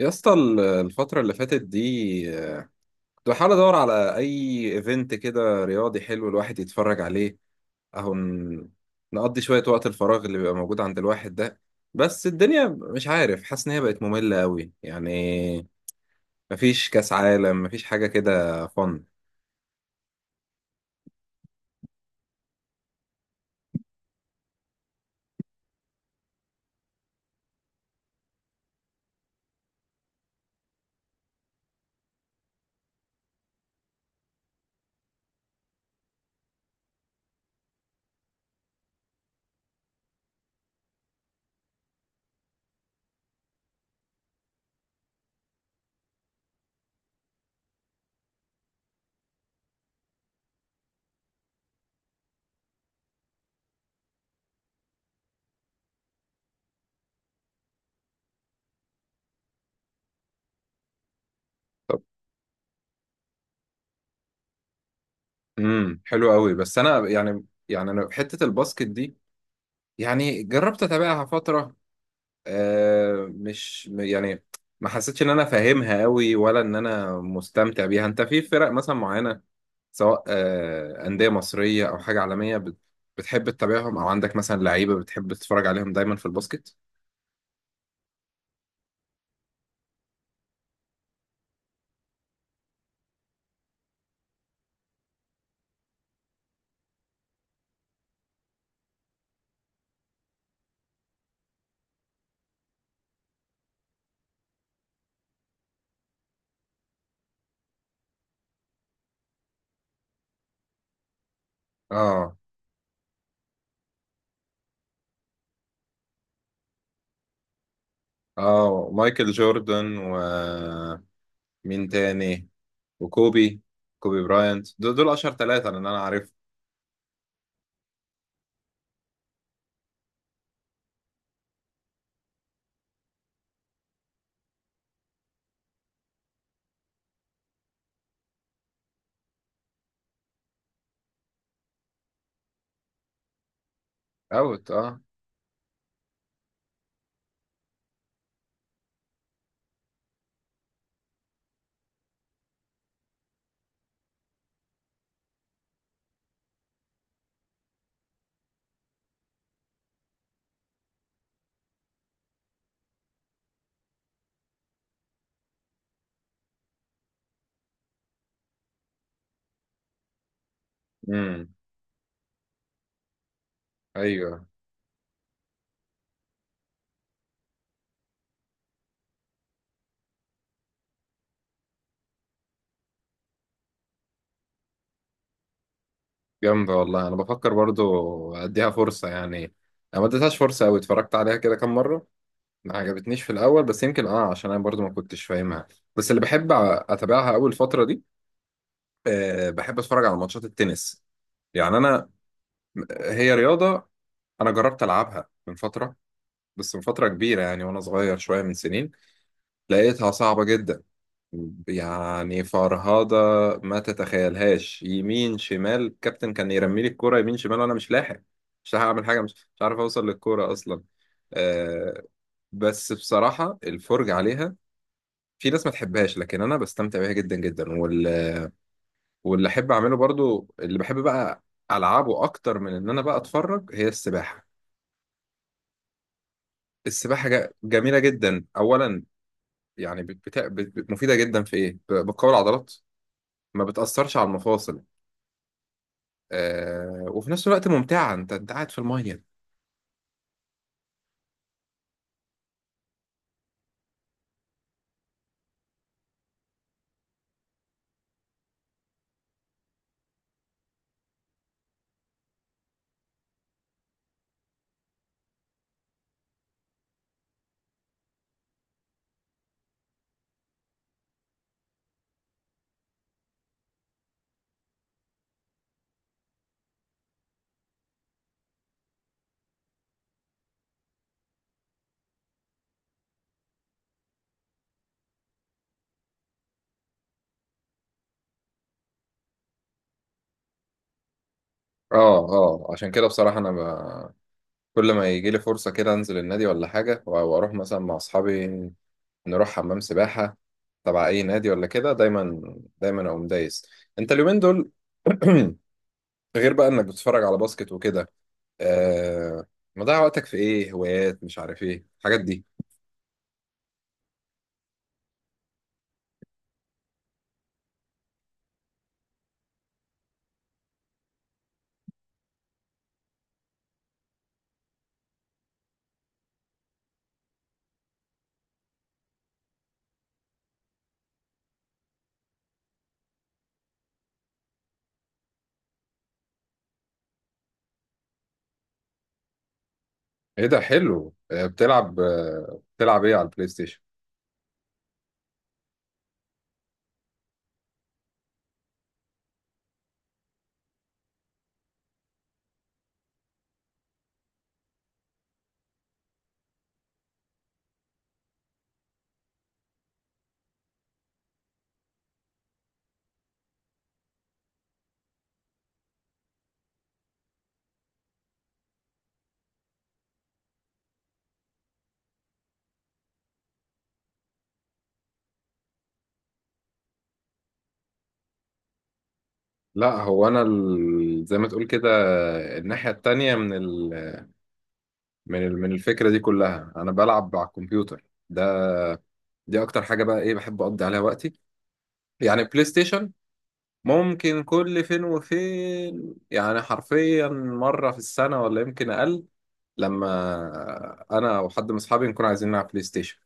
يا اسطى الفترة اللي فاتت دي، آه، كنت بحاول ادور على اي ايفنت كده رياضي حلو الواحد يتفرج عليه. اهو نقضي شوية وقت الفراغ اللي بيبقى موجود عند الواحد ده. بس الدنيا مش عارف، حاسس ان هي بقت مملة قوي يعني. مفيش كاس عالم، مفيش حاجة كده فن. طب حلو قوي، بس انا يعني انا في حتة الباسكت دي يعني جربت اتابعها فترة. مش يعني ما حسيتش ان انا فاهمها قوي ولا ان انا مستمتع بيها. انت في فرق مثلا معينة، سواء أندية مصرية او حاجة عالمية بتحب تتابعهم، او عندك مثلا لعيبة بتحب تتفرج عليهم دايما في الباسكت؟ اه، اه، مايكل جوردن ومين تاني؟ وكوبي، كوبي براينت، دول دول اشهر ثلاثة اللي انا عارفهم. اوت، اه. امم. ايوه جامدة والله، أنا بفكر برضو أديها فرصة يعني. أنا ما اديتهاش فرصة أوي، اتفرجت عليها كده كام مرة. ما عجبتنيش في الأول، بس يمكن عشان أنا برضو ما كنتش فاهمها. بس اللي بحب أتابعها أول فترة دي، أه، بحب أتفرج على ماتشات التنس. يعني أنا، هي رياضة أنا جربت ألعبها من فترة، بس من فترة كبيرة يعني وأنا صغير شوية من سنين. لقيتها صعبة جدا يعني، فرهضة ما تتخيلهاش. يمين شمال الكابتن كان يرمي لي الكورة يمين شمال وانا مش لاحق، اعمل حاجة، مش عارف اوصل للكورة اصلا. آه بس بصراحة الفرجة عليها، في ناس ما تحبهاش لكن انا بستمتع بيها جدا جدا. واللي احب اعمله برضو، اللي بحب بقى العبه اكتر من ان انا بقى اتفرج، هي السباحة. السباحة جميلة جدا اولا يعني، مفيدة جدا في ايه، بتقوي العضلات، ما بتأثرش على المفاصل. وفي نفس الوقت ممتعة، انت قاعد في المية. اه، اه، عشان كده بصراحة انا، كل ما يجي لي فرصة كده انزل النادي ولا حاجة واروح مثلا مع اصحابي، نروح حمام سباحة تبع اي نادي ولا كده، دايما دايما اقوم دايس. انت اليومين دول غير بقى انك بتتفرج على باسكت وكده، آه... مضيع وقتك في ايه؟ هوايات مش عارف ايه الحاجات دي؟ ايه ده؟ حلو. بتلعب، بتلعب ايه على البلاي ستيشن؟ لا هو انا، زي ما تقول كده، الناحيه التانية من الفكره دي كلها، انا بلعب على الكمبيوتر ده. دي اكتر حاجه بقى ايه بحب اقضي عليها وقتي. يعني بلاي ستيشن ممكن كل فين وفين، يعني حرفيا مره في السنه ولا يمكن اقل، لما انا وحد من اصحابي نكون عايزين نلعب بلاي ستيشن.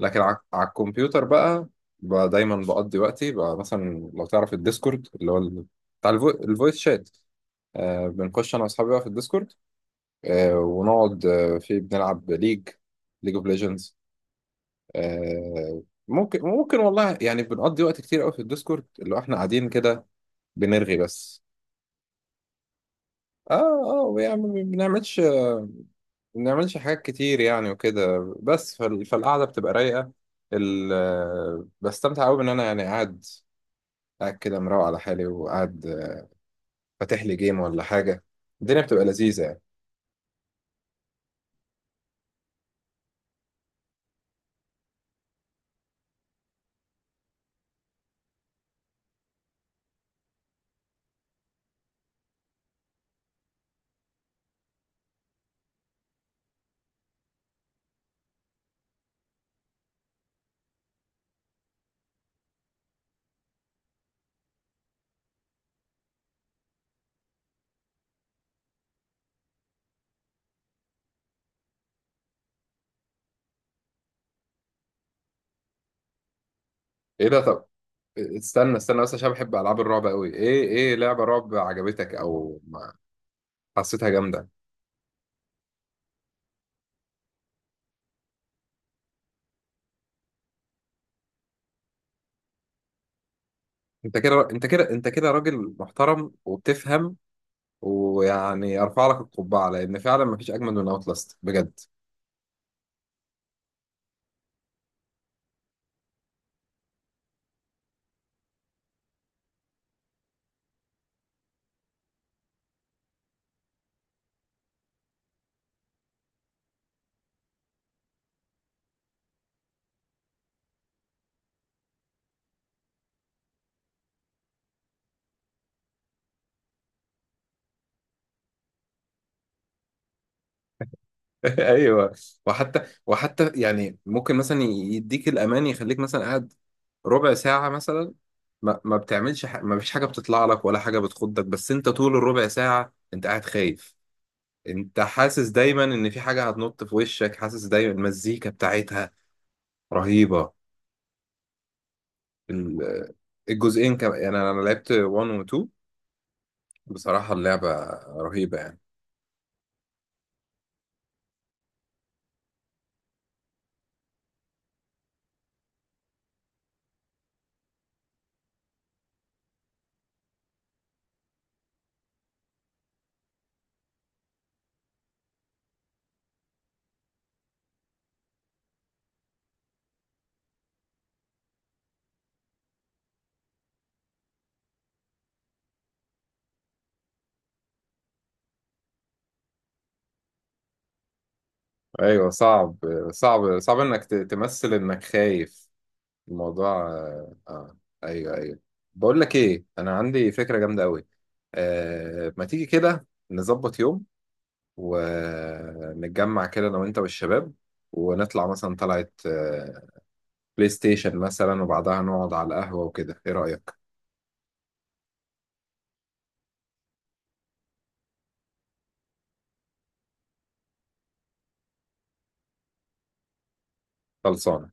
لكن على الكمبيوتر بقى، بقى دايما بقضي وقتي بقى، مثلا لو تعرف الديسكورد اللي هو بتاع الفويس شات، بنخش انا واصحابي بقى في الديسكورد، ونقعد، في بنلعب ليج، ليج اوف ليجندز. ممكن، ممكن والله يعني، بنقضي وقت كتير قوي في الديسكورد، اللي هو احنا قاعدين كده بنرغي بس. اه، اه، يعني ما بنعملش حاجات كتير يعني وكده. بس فالقعدة بتبقى رايقة، بستمتع قوي ان انا يعني قاعد، قاعد كده مروق على حالي، وقاعد، فاتح لي جيم ولا حاجة، الدنيا بتبقى لذيذة يعني. ايه ده؟ طب استنى استنى بس، عشان بحب العاب الرعب قوي. ايه لعبه رعب عجبتك او حسيتها جامده؟ انت كده، انت كده، انت كده راجل محترم وبتفهم، ويعني ارفع لك القبعه لان فعلا ما فيش اجمل من اوت لاست بجد. ايوه، وحتى يعني ممكن مثلا يديك الامان، يخليك مثلا قاعد ربع ساعه مثلا، ما بتعملش، ما فيش حاجه بتطلع لك ولا حاجه بتخضك، بس انت طول الربع ساعه انت قاعد خايف. انت حاسس دايما ان في حاجة هتنط في وشك، حاسس دايما المزيكا بتاعتها رهيبة. ال- الجزئين كمان، يعني أنا لعبت 1 و 2، بصراحة اللعبة رهيبة يعني. ايوه صعب، صعب، صعب انك تمثل انك خايف. الموضوع ايوه، ايوه. بقول لك ايه، انا عندي فكرة جامدة قوي، ما تيجي كده نظبط يوم، ونتجمع كده انا وانت والشباب، ونطلع مثلا، طلعت، بلاي ستيشن مثلا، وبعدها نقعد على القهوة وكده، ايه رأيك؟ خلصانة.